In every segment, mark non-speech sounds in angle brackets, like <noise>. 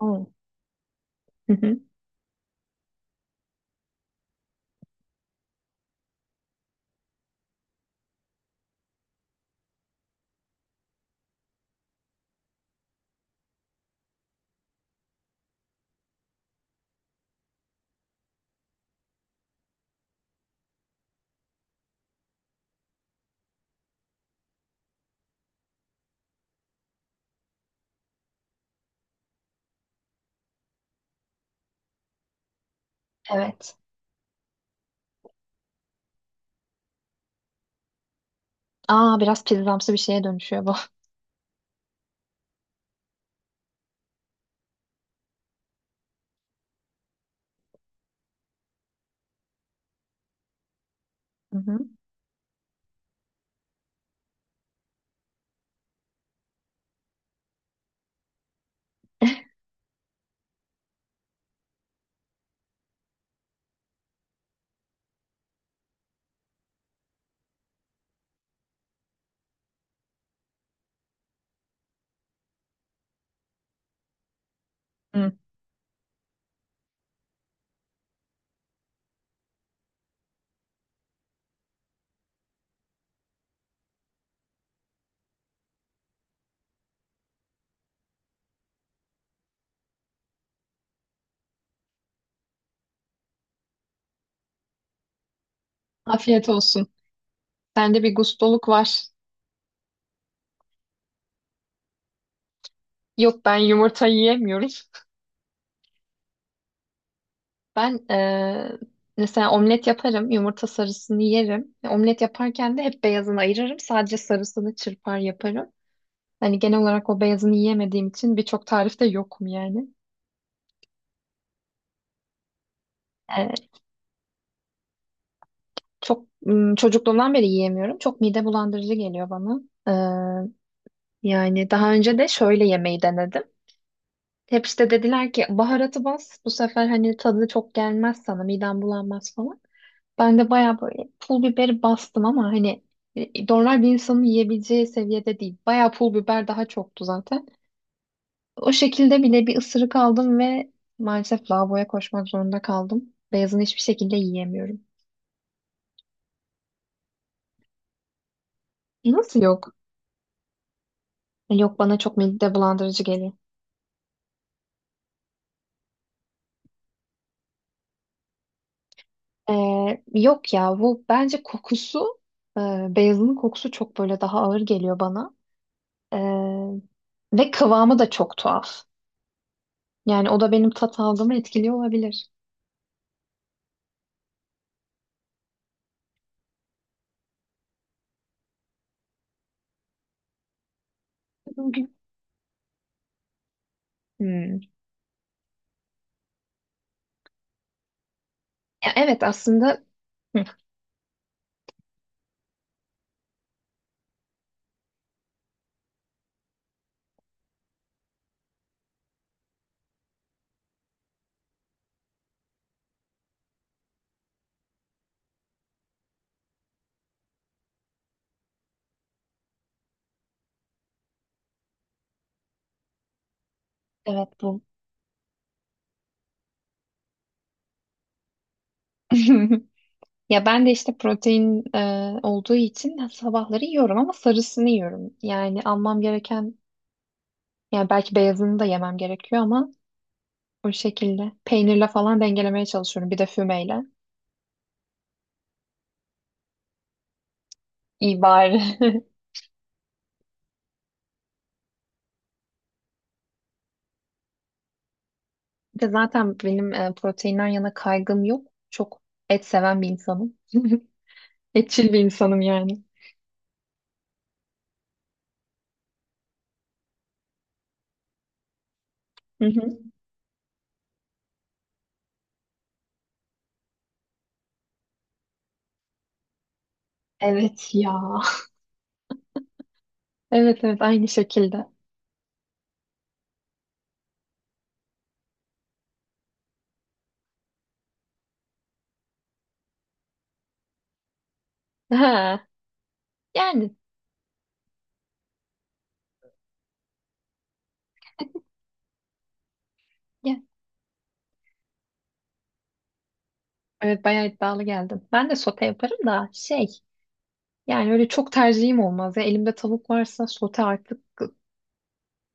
Hmm. Hı hı. Evet. Aa, biraz pizzamsı bir şeye dönüşüyor bu. Hı hı. Hı. Afiyet olsun. Sende bir gustoluk var. Yok, ben yumurta yiyemiyorum. <laughs> Ben Mesela omlet yaparım. Yumurta sarısını yerim. Omlet yaparken de hep beyazını ayırırım. Sadece sarısını çırpar yaparım. Hani genel olarak o beyazını yiyemediğim için birçok tarifte yokum yani. Eee, çok çocukluğumdan beri yiyemiyorum. Çok mide bulandırıcı geliyor bana. Eee, Yani daha önce de şöyle yemeği denedim. Hep işte dediler ki baharatı bas bu sefer, hani tadı çok gelmez sana, miden bulanmaz falan. Ben de bayağı böyle pul biberi bastım ama hani normal bir insanın yiyebileceği seviyede değil. Bayağı pul biber daha çoktu zaten. O şekilde bile bir ısırık aldım ve maalesef lavaboya koşmak zorunda kaldım. Beyazını hiçbir şekilde yiyemiyorum. Nasıl yok? Yok, bana çok mide bulandırıcı geliyor. Yok ya, bu bence kokusu e, beyazının kokusu çok böyle daha ağır geliyor bana. Ee, Ve kıvamı da çok tuhaf. Yani o da benim tat algımı etkiliyor olabilir. Bugün. Hmm. Ya evet, aslında. Hı. Evet, bu. <laughs> Ya ben de işte protein olduğu için sabahları yiyorum ama sarısını yiyorum. Yani almam gereken, yani belki beyazını da yemem gerekiyor ama o şekilde peynirle falan dengelemeye çalışıyorum. Bir de fümeyle. İyi bari. <laughs> Bir de zaten benim proteinden yana kaygım yok. Çok et seven bir insanım. <laughs> Etçil bir insanım yani. Hı hı. Evet ya. <laughs> Evet, evet, aynı şekilde. Ha. Yani. Ya. Evet, bayağı iddialı geldim. Ben de sote yaparım da şey, yani öyle çok tercihim olmaz. Ya, elimde tavuk varsa sote artık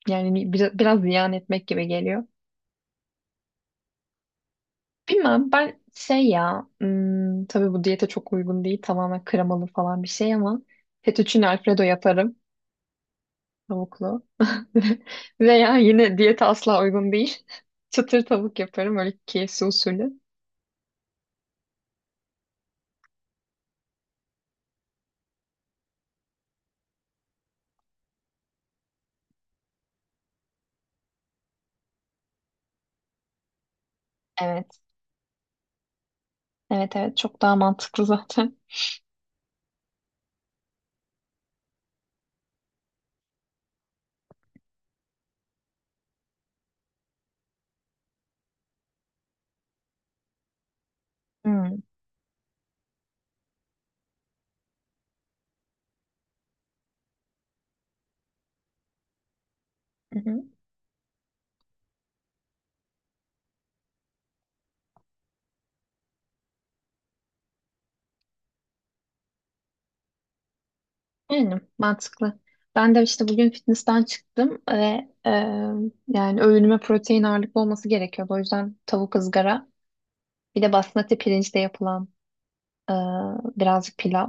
yani biraz ziyan etmek gibi geliyor. Bilmem, ben şey ya, hmm, tabii bu diyete çok uygun değil, tamamen kremalı falan bir şey ama fettuccine alfredo yaparım. Tavuklu. <laughs> Veya yine diyete asla uygun değil. <laughs> Çıtır tavuk yaparım öyle KFC usulü. Evet. Evet, evet, çok daha mantıklı zaten. Hmm. Hı hı. Yani mantıklı. Ben de işte bugün fitness'ten çıktım ve e, yani öğünüme protein ağırlıklı olması gerekiyordu. O yüzden tavuk ızgara, bir de basmati pirinçle yapılan e, birazcık pilav.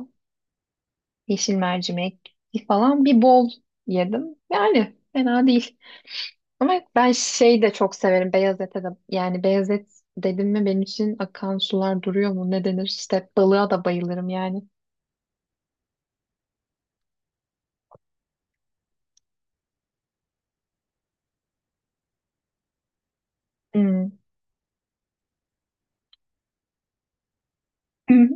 Yeşil mercimek falan bir bol yedim. Yani fena değil. Ama ben şey de çok severim, beyaz ete de. Yani beyaz et dedim mi benim için akan sular duruyor mu ne denir? İşte balığa da bayılırım yani. Hmm. Hı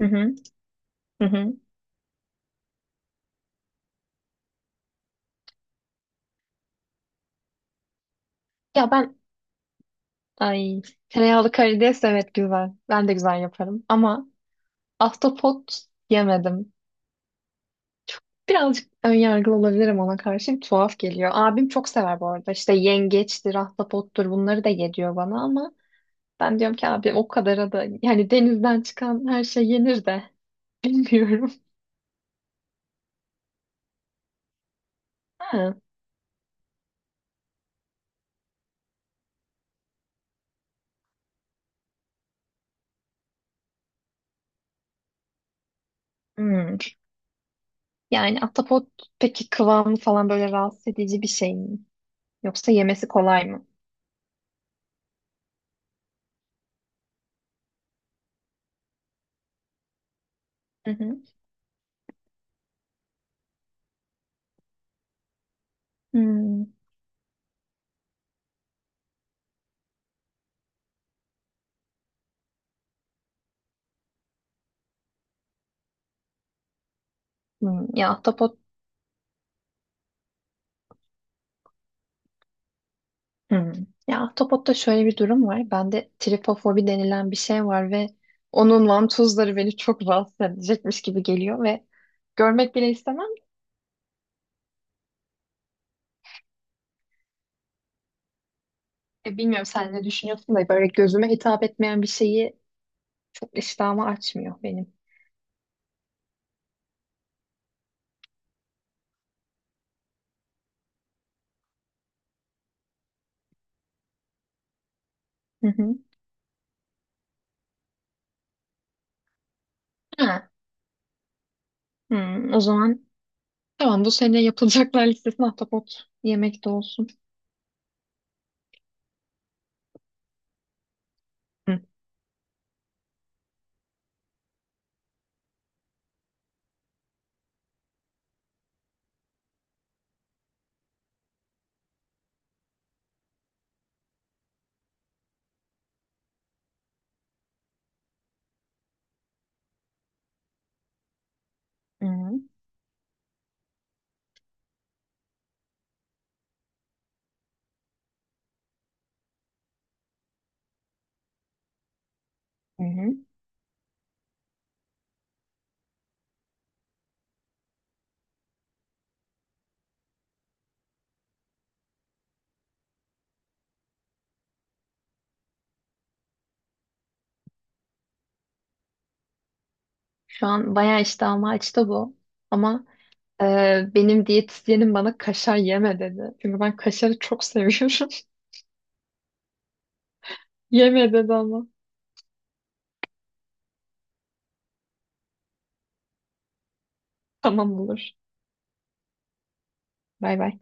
hı, hı hı. Ya ben, ay, tereyağlı karides, evet, güzel. Ben de güzel yaparım ama ahtapot yemedim. Birazcık önyargılı olabilirim ona karşı. Tuhaf geliyor. Abim çok sever bu arada. İşte yengeçtir, ahtapottur, bunları da yediyor bana ama ben diyorum ki abi o kadar da, yani denizden çıkan her şey yenir de <laughs> bilmiyorum. Ha. Hmm. Yani ahtapot, peki kıvamı falan böyle rahatsız edici bir şey mi? Yoksa yemesi kolay mı? Hı hı. Hmm. Hmm. Ya ahtapot. Hmm. Ya ahtapotta şöyle bir durum var. Bende tripofobi denilen bir şey var ve onun vantuzları beni çok rahatsız edecekmiş gibi geliyor ve görmek bile istemem. Bilmiyorum, sen ne düşünüyorsun da böyle gözüme hitap etmeyen bir şeyi çok iştahımı açmıyor benim. Hı hı. Ha. Hmm, o zaman tamam, bu sene yapılacaklar listesine ahtapot yemek de olsun. Hı. Hı hı. Hı hı. Şu an bayağı iştahım açtı bu. Ama e, benim diyetisyenim bana kaşar yeme dedi. Çünkü ben kaşarı çok seviyorum. <laughs> Yeme dedi ama. Tamam, olur. Bay bay.